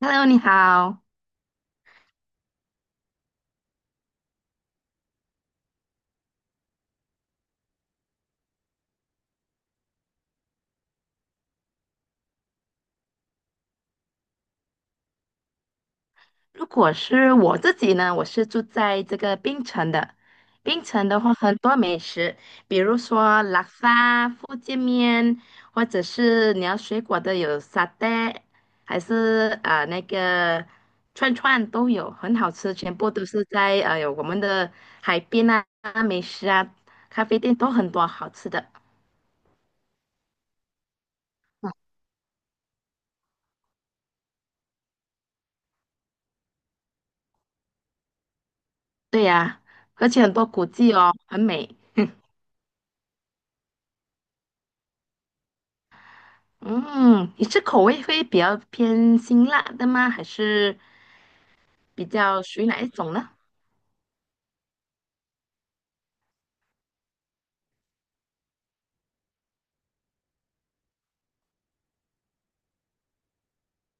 Hello，你好。如果是我自己呢，我是住在这个槟城的。槟城的话，很多美食，比如说拉沙、福建面，或者是你要水果的有沙爹，还是串串都有，很好吃，全部都是在有我们的海边啊、美食啊、咖啡店都很多好吃的。对呀、而且很多古迹哦，很美。嗯，你是口味会比较偏辛辣的吗？还是比较属于哪一种呢？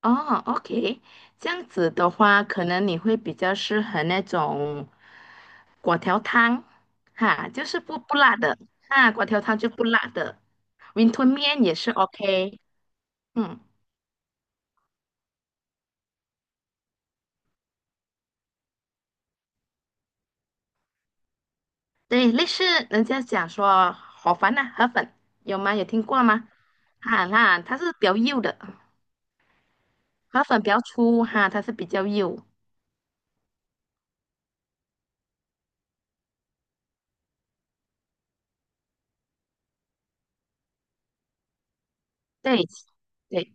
哦，OK，这样子的话，可能你会比较适合那种果条汤，哈，就是不辣的，啊，果条汤就不辣的，云吞面也是 OK，嗯，对，类似人家讲说河粉呐、河粉有吗？有听过吗？哈，那它是比较幼的，河粉比较粗，哈，它是比较幼。对对，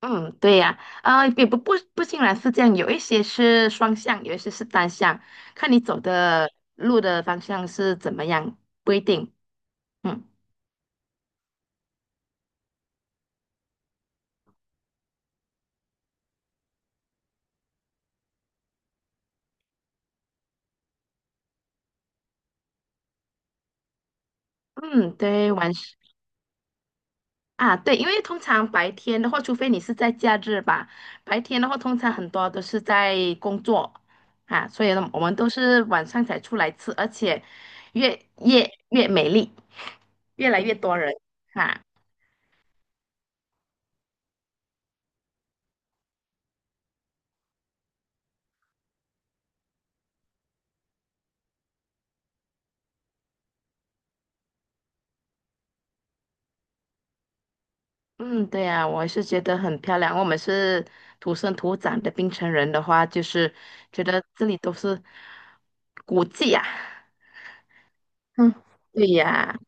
嗯，对呀，啊，也不竟然是这样，有一些是双向，有一些是单向，看你走的路的方向是怎么样，不一定。嗯嗯，对，晚上啊，对，因为通常白天的话，除非你是在假日吧，白天的话通常很多都是在工作啊，所以呢，我们都是晚上才出来吃，而且越夜越美丽，越来越多人哈。啊嗯，对呀，我是觉得很漂亮。我们是土生土长的槟城人的话，就是觉得这里都是古迹呀。嗯，对呀，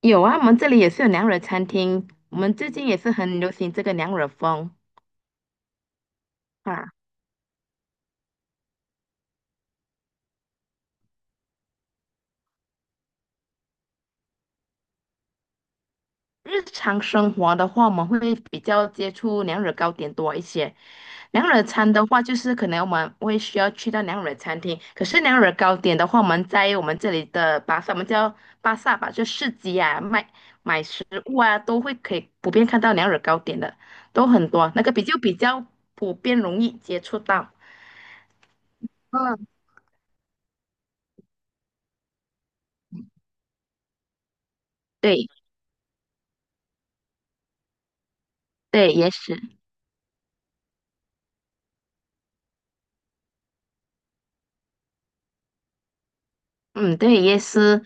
有啊，我们这里也是有娘惹餐厅，我们最近也是很流行这个娘惹风啊。日常生活的话，我们会比较接触娘惹糕点多一些。娘惹餐的话，就是可能我们会需要去到娘惹餐厅。可是娘惹糕点的话，我们在我们这里的巴萨，我们叫巴萨吧，就市集啊，卖买食物啊，都会可以普遍看到娘惹糕点的，都很多。那个比较普遍，容易接触到。嗯，对对，也是，嗯，对，也是。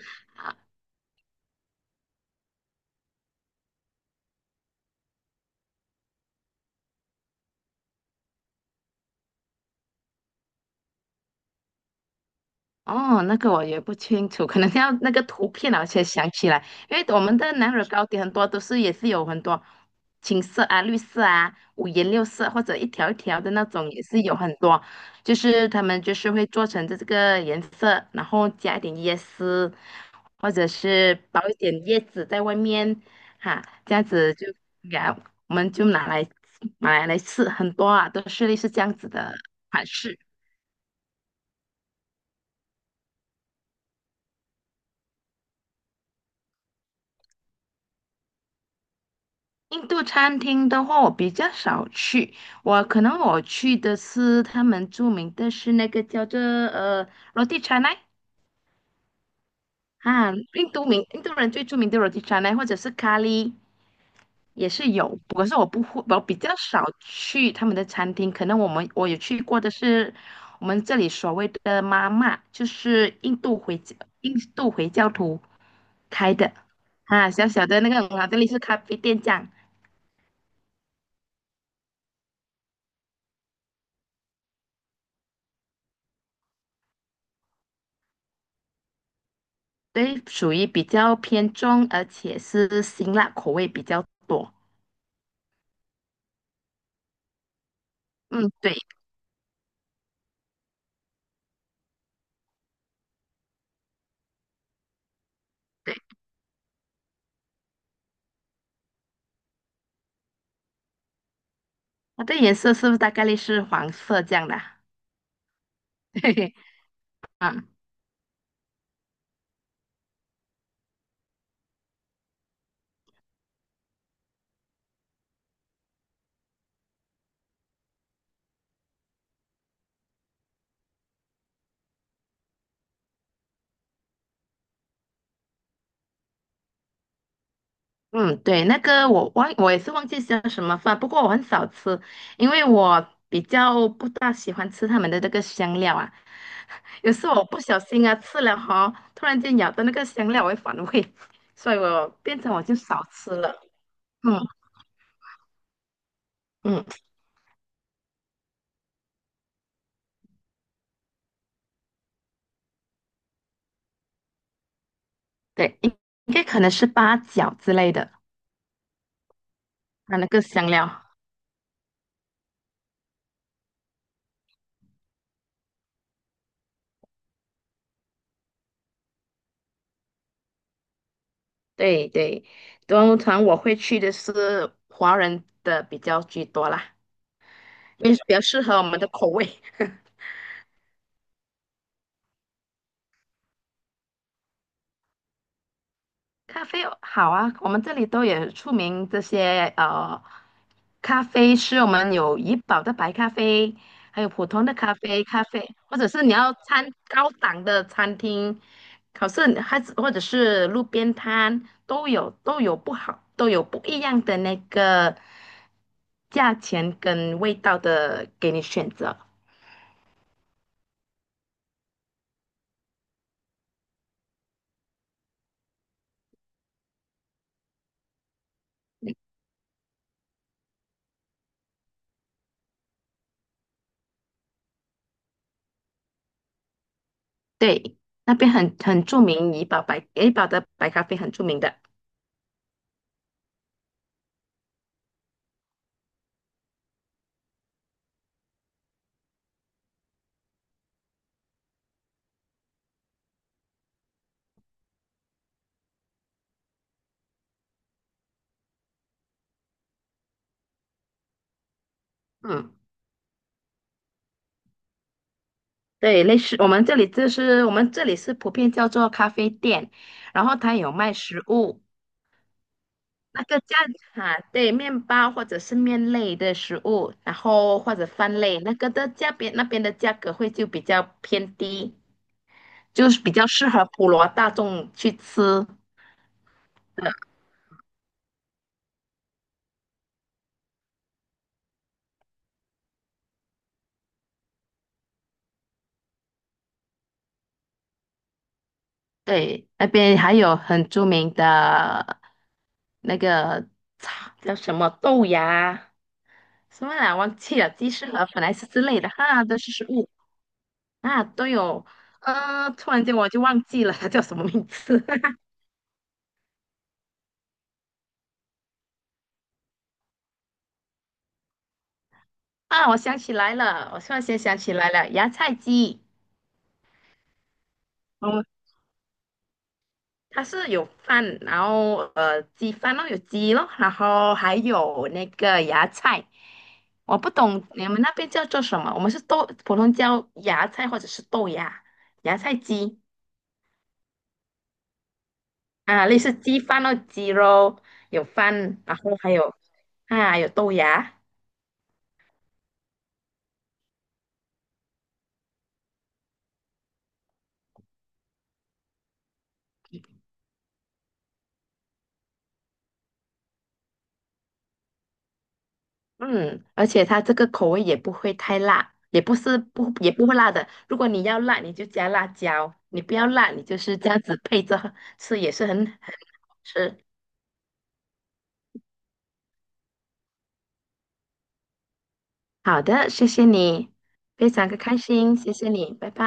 哦，那个我也不清楚，可能要那个图片啊，我才想起来。因为我们的南乳糕点很多都是也是有很多青色啊、绿色啊、五颜六色或者一条一条的那种，也是有很多。就是他们就是会做成这个颜色，然后加一点椰丝，或者是包一点叶子在外面，哈，这样子就给它我们就拿来买来吃，很多啊，都是类似这样子的款式。印度餐厅的话，我比较少去，可能我去的是他们著名的是那个叫做roti c a n a 啊，印度人最著名的 roti c a n a 或者是咖喱也是有，不过是我不会，我比较少去他们的餐厅，可能我有去过的是我们这里所谓的妈妈，就是印度回教徒开的啊，小小的那个很好，这里是咖啡店这样。对，属于比较偏重，而且是辛辣口味比较多。嗯，对，它的颜色是不是大概率是黄色这样的啊？嘿嘿，啊，嗯，对，我也是忘记叫什么饭，不过我很少吃，因为我比较不大喜欢吃他们的那个香料啊。有时候我不小心啊吃了哈，突然间咬到那个香料，我会反胃，所以我变成我就少吃了。嗯嗯，对，应该可能是八角之类的，啊那个香料。对对，端午团我会去的是华人的比较居多啦，因为比较适合我们的口味。咖啡哦好啊，我们这里都有出名这些咖啡是我们有怡宝的白咖啡，还有普通的咖啡，咖啡或者是你要餐高档的餐厅，可是或者是路边摊都有不一样的那个价钱跟味道的给你选择。对，那边很著名，怡宝的白咖啡很著名的，嗯。对，类似我们这里是普遍叫做咖啡店，然后它有卖食物，那个价哈对，面包或者是面类的食物，然后或者饭类，那个的价边那边的价格会就比较偏低，就是比较适合普罗大众去吃。对，那边还有很著名的那个茶叫什么豆芽，什么来忘记了，鸡翅河粉还是之类的哈，都是食物。啊，对哦，突然间我就忘记了它叫什么名字 啊！我想起来了，我突然间想起来了，芽菜鸡。嗯，它是有饭，然后，鸡饭咯，有鸡咯，然后还有那个芽菜。我不懂你们那边叫做什么，我们是豆，普通叫芽菜或者是豆芽，芽菜鸡啊，类似鸡饭咯，鸡肉有饭，然后还有啊有豆芽。嗯，而且它这个口味也不会太辣，也不是不也不会辣的。如果你要辣，你就加辣椒；你不要辣，你就是这样子配着喝吃，也是很好吃。好的，谢谢你，非常的开心，谢谢你，拜拜。